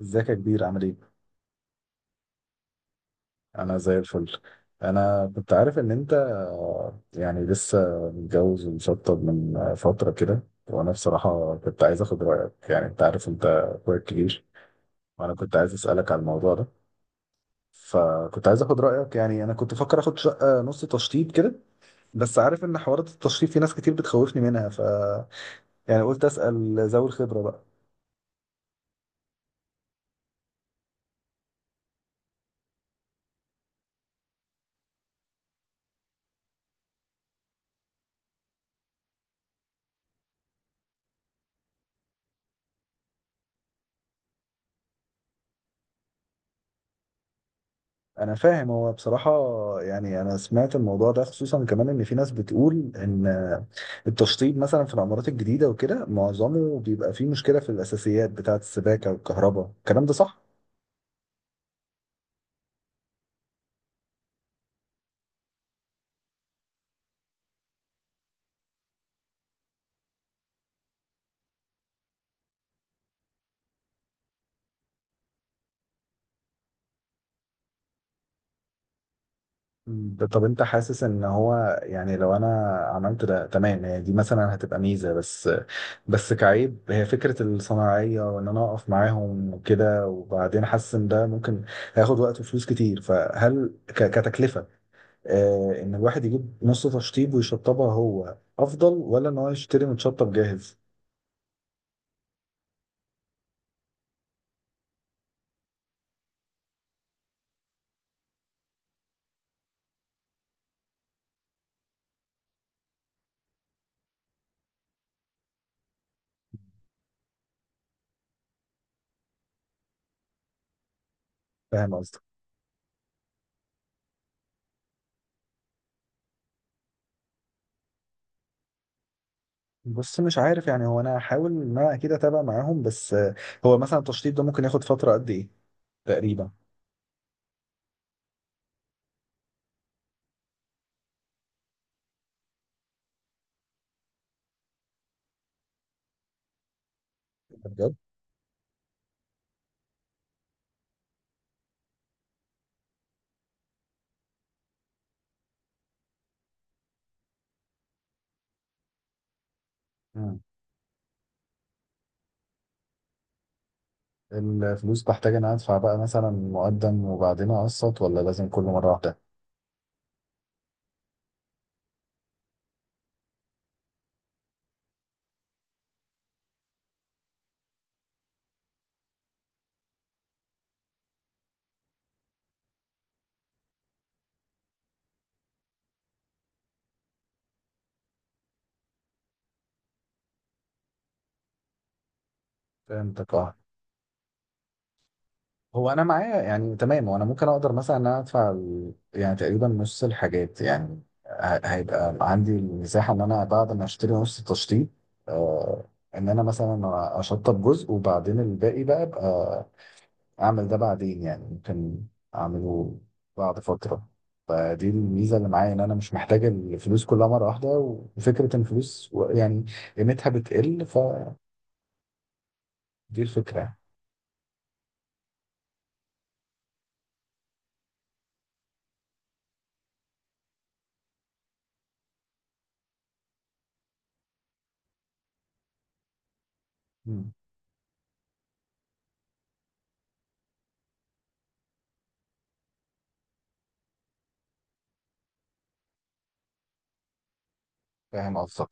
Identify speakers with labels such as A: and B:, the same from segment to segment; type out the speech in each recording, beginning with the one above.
A: ازيك يا كبير عامل ايه؟ انا زي الفل. انا كنت عارف ان انت يعني لسه متجوز ومشطب من فترة كده، وانا بصراحة كنت عايز اخد رأيك. يعني انت عارف انت اخويا الكبير، وانا كنت عايز اسألك على الموضوع ده. فكنت عايز اخد رأيك، يعني انا كنت فكر اخد شقة نص تشطيب كده، بس عارف ان حوارات التشطيب في ناس كتير بتخوفني منها، ف يعني قلت اسأل ذوي الخبرة بقى. انا فاهم، هو بصراحة يعني انا سمعت الموضوع ده، خصوصا كمان ان في ناس بتقول ان التشطيب مثلا في العمارات الجديدة وكده معظمه بيبقى فيه مشكلة في الاساسيات بتاعة السباكة والكهرباء، الكلام ده صح؟ طب انت حاسس ان هو يعني لو انا عملت ده تمام، هي دي مثلا هتبقى ميزة، بس كعيب هي فكرة الصناعية وان انا اقف معاهم وكده، وبعدين حاسس ان ده ممكن هياخد وقت وفلوس كتير، فهل كتكلفة ان الواحد يجيب نص تشطيب ويشطبها هو افضل، ولا ان هو يشتري متشطب جاهز؟ فاهم قصدك. بص مش عارف يعني، هو انا هحاول ان انا اكيد اتابع معاهم، بس هو مثلا التشطيب ده ممكن ياخد فتره قد ايه تقريبا؟ بجد؟ مم. الفلوس بحتاج ان أنا ادفع بقى مثلا مقدم وبعدين اقسط، ولا لازم كل مره واحده؟ فهمتك، اه. هو انا معايا يعني تمام، وانا ممكن اقدر مثلا ان انا ادفع يعني تقريبا نص الحاجات، يعني هيبقى عندي المساحه ان انا بعد ما اشتري نص التشطيب، آه، ان انا مثلا اشطب جزء، وبعدين الباقي بقى ابقى اعمل ده بعدين، يعني ممكن اعمله بعد فتره. فدي الميزه اللي معايا، ان انا مش محتاج الفلوس كلها مره واحده، وفكره ان الفلوس يعني قيمتها بتقل، فدي الفكره. مم. فاهم قصدك.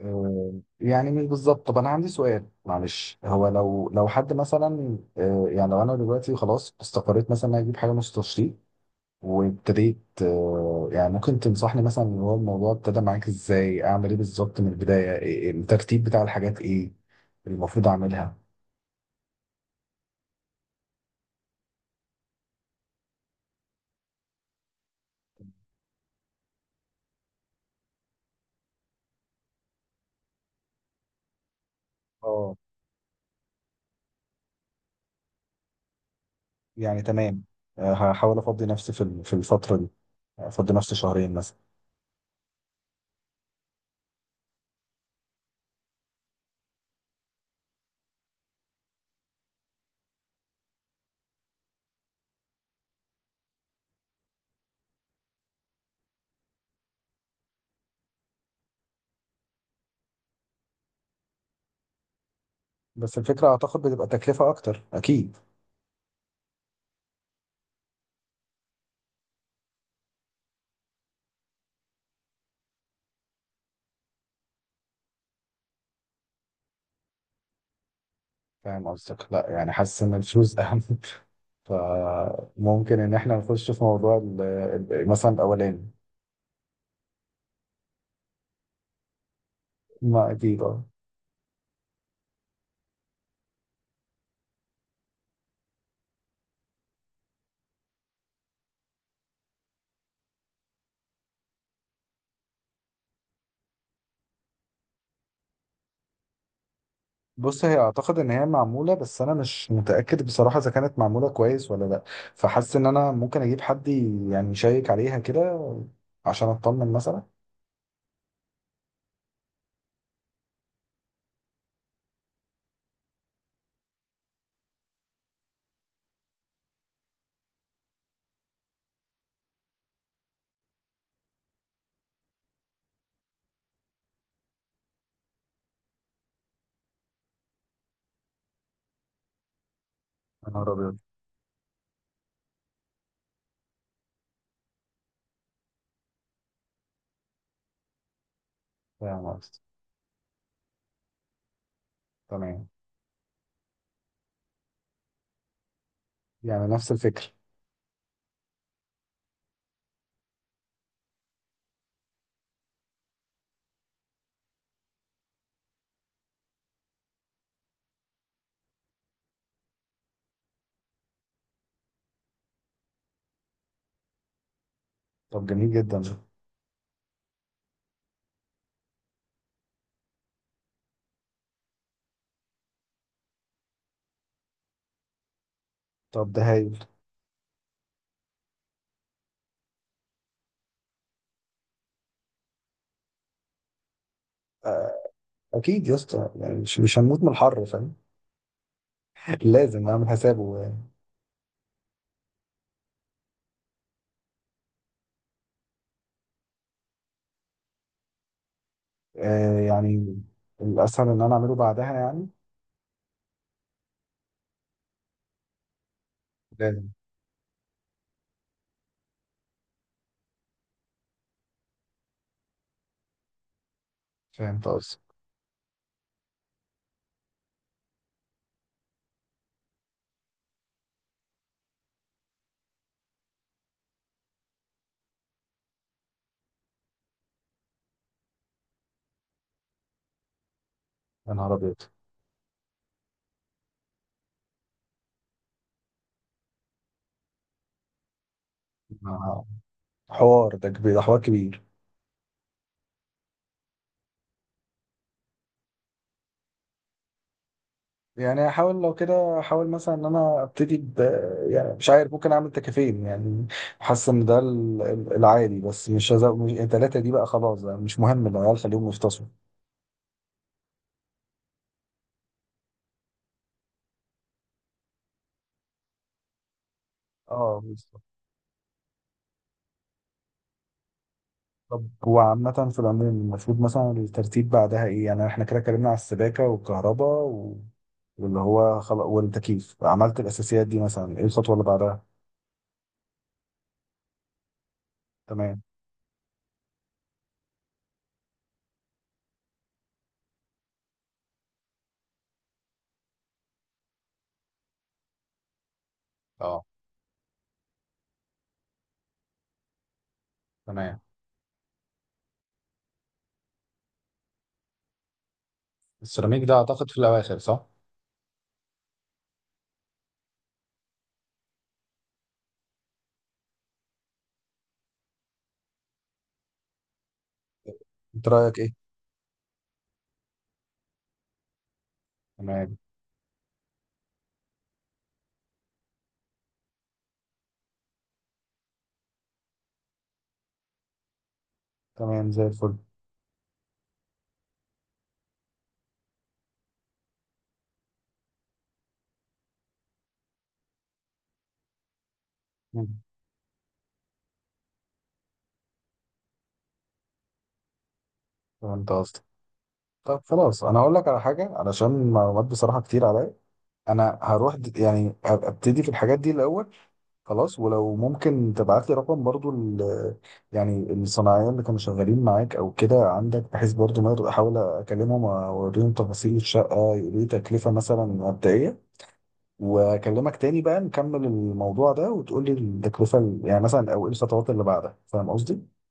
A: آه، يعني مش بالظبط. طب انا عندي سؤال معلش، هو لو حد مثلا يعني لو انا دلوقتي خلاص استقريت مثلا إن أنا اجيب حاجه نص تشطيب وابتديت، يعني ممكن تنصحني مثلا اللي هو الموضوع ابتدى معاك ازاي؟ اعمل ايه بالظبط من البدايه؟ إيه، الترتيب بتاع الحاجات، ايه المفروض اعملها؟ اه يعني تمام. هحاول افضي نفسي في في الفتره دي، افضي نفسي شهرين مثلا. بس الفكره اعتقد بتبقى تكلفه اكتر اكيد. فاهم قصدك، لا يعني حاسس ان الفلوس اهم. فممكن ان احنا نخش في موضوع مثلا الاولاني. ما اكيد اه. بص هي اعتقد ان هي معموله، بس انا مش متاكد بصراحه اذا كانت معموله كويس ولا لا، فحاسس ان انا ممكن اجيب حد يعني يشيك عليها كده عشان اطمن مثلا. يا نهار ابيض. فاهم قصدي. تمام، يعني نفس الفكر. طب جميل جدا. طب ده هايل. آه، اكيد يا اسطى، يعني مش هنموت من الحر، فاهم؟ لازم اعمل حسابه. آه يعني الاسهل ان انا اعمله بعدها يعني. لازم. فهمت قصدي. يا نهار ابيض. آه، حوار ده كبير، ده حوار كبير. يعني هحاول لو كده احاول مثلا ان انا ابتدي ب، يعني مش عارف، ممكن اعمل تكافين يعني. حاسس ان ده العادي، بس مش هزق، مش التلاته دي بقى، خلاص بقى مش مهم، العيال خليهم يفتصوا. اه بالظبط. طب وعامة في العموم المفروض مثلا الترتيب بعدها ايه؟ يعني احنا كده اتكلمنا على السباكة والكهرباء واللي هو خلاص والتكييف، عملت الاساسيات دي مثلا، ايه الخطوه اللي بعدها؟ تمام. اه تمام. السيراميك ده اعتقد في الاواخر، صح؟ انت رايك ايه؟ تمام. تمام زي الفل. مم. فهمت قصدي. طب خلاص انا هقول لك على حاجه، علشان معلومات بصراحه كتير عليا، انا هروح يعني هبقى ابتدي في الحاجات دي الاول. خلاص، ولو ممكن تبعت لي رقم برضو يعني الصناعيه اللي كانوا شغالين معاك او كده عندك، بحيث برضو ما اقدر احاول اكلمهم واوريهم تفاصيل الشقه يقولوا لي تكلفه مثلا مبدئيه، واكلمك تاني بقى نكمل الموضوع ده، وتقول لي التكلفه يعني مثلا، او ايه الخطوات اللي بعدها، فاهم قصدي؟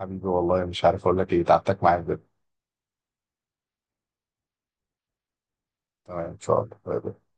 A: حبيبي والله مش عارف اقول لك ايه، تعبتك معايا بجد. تمام ان شاء الله.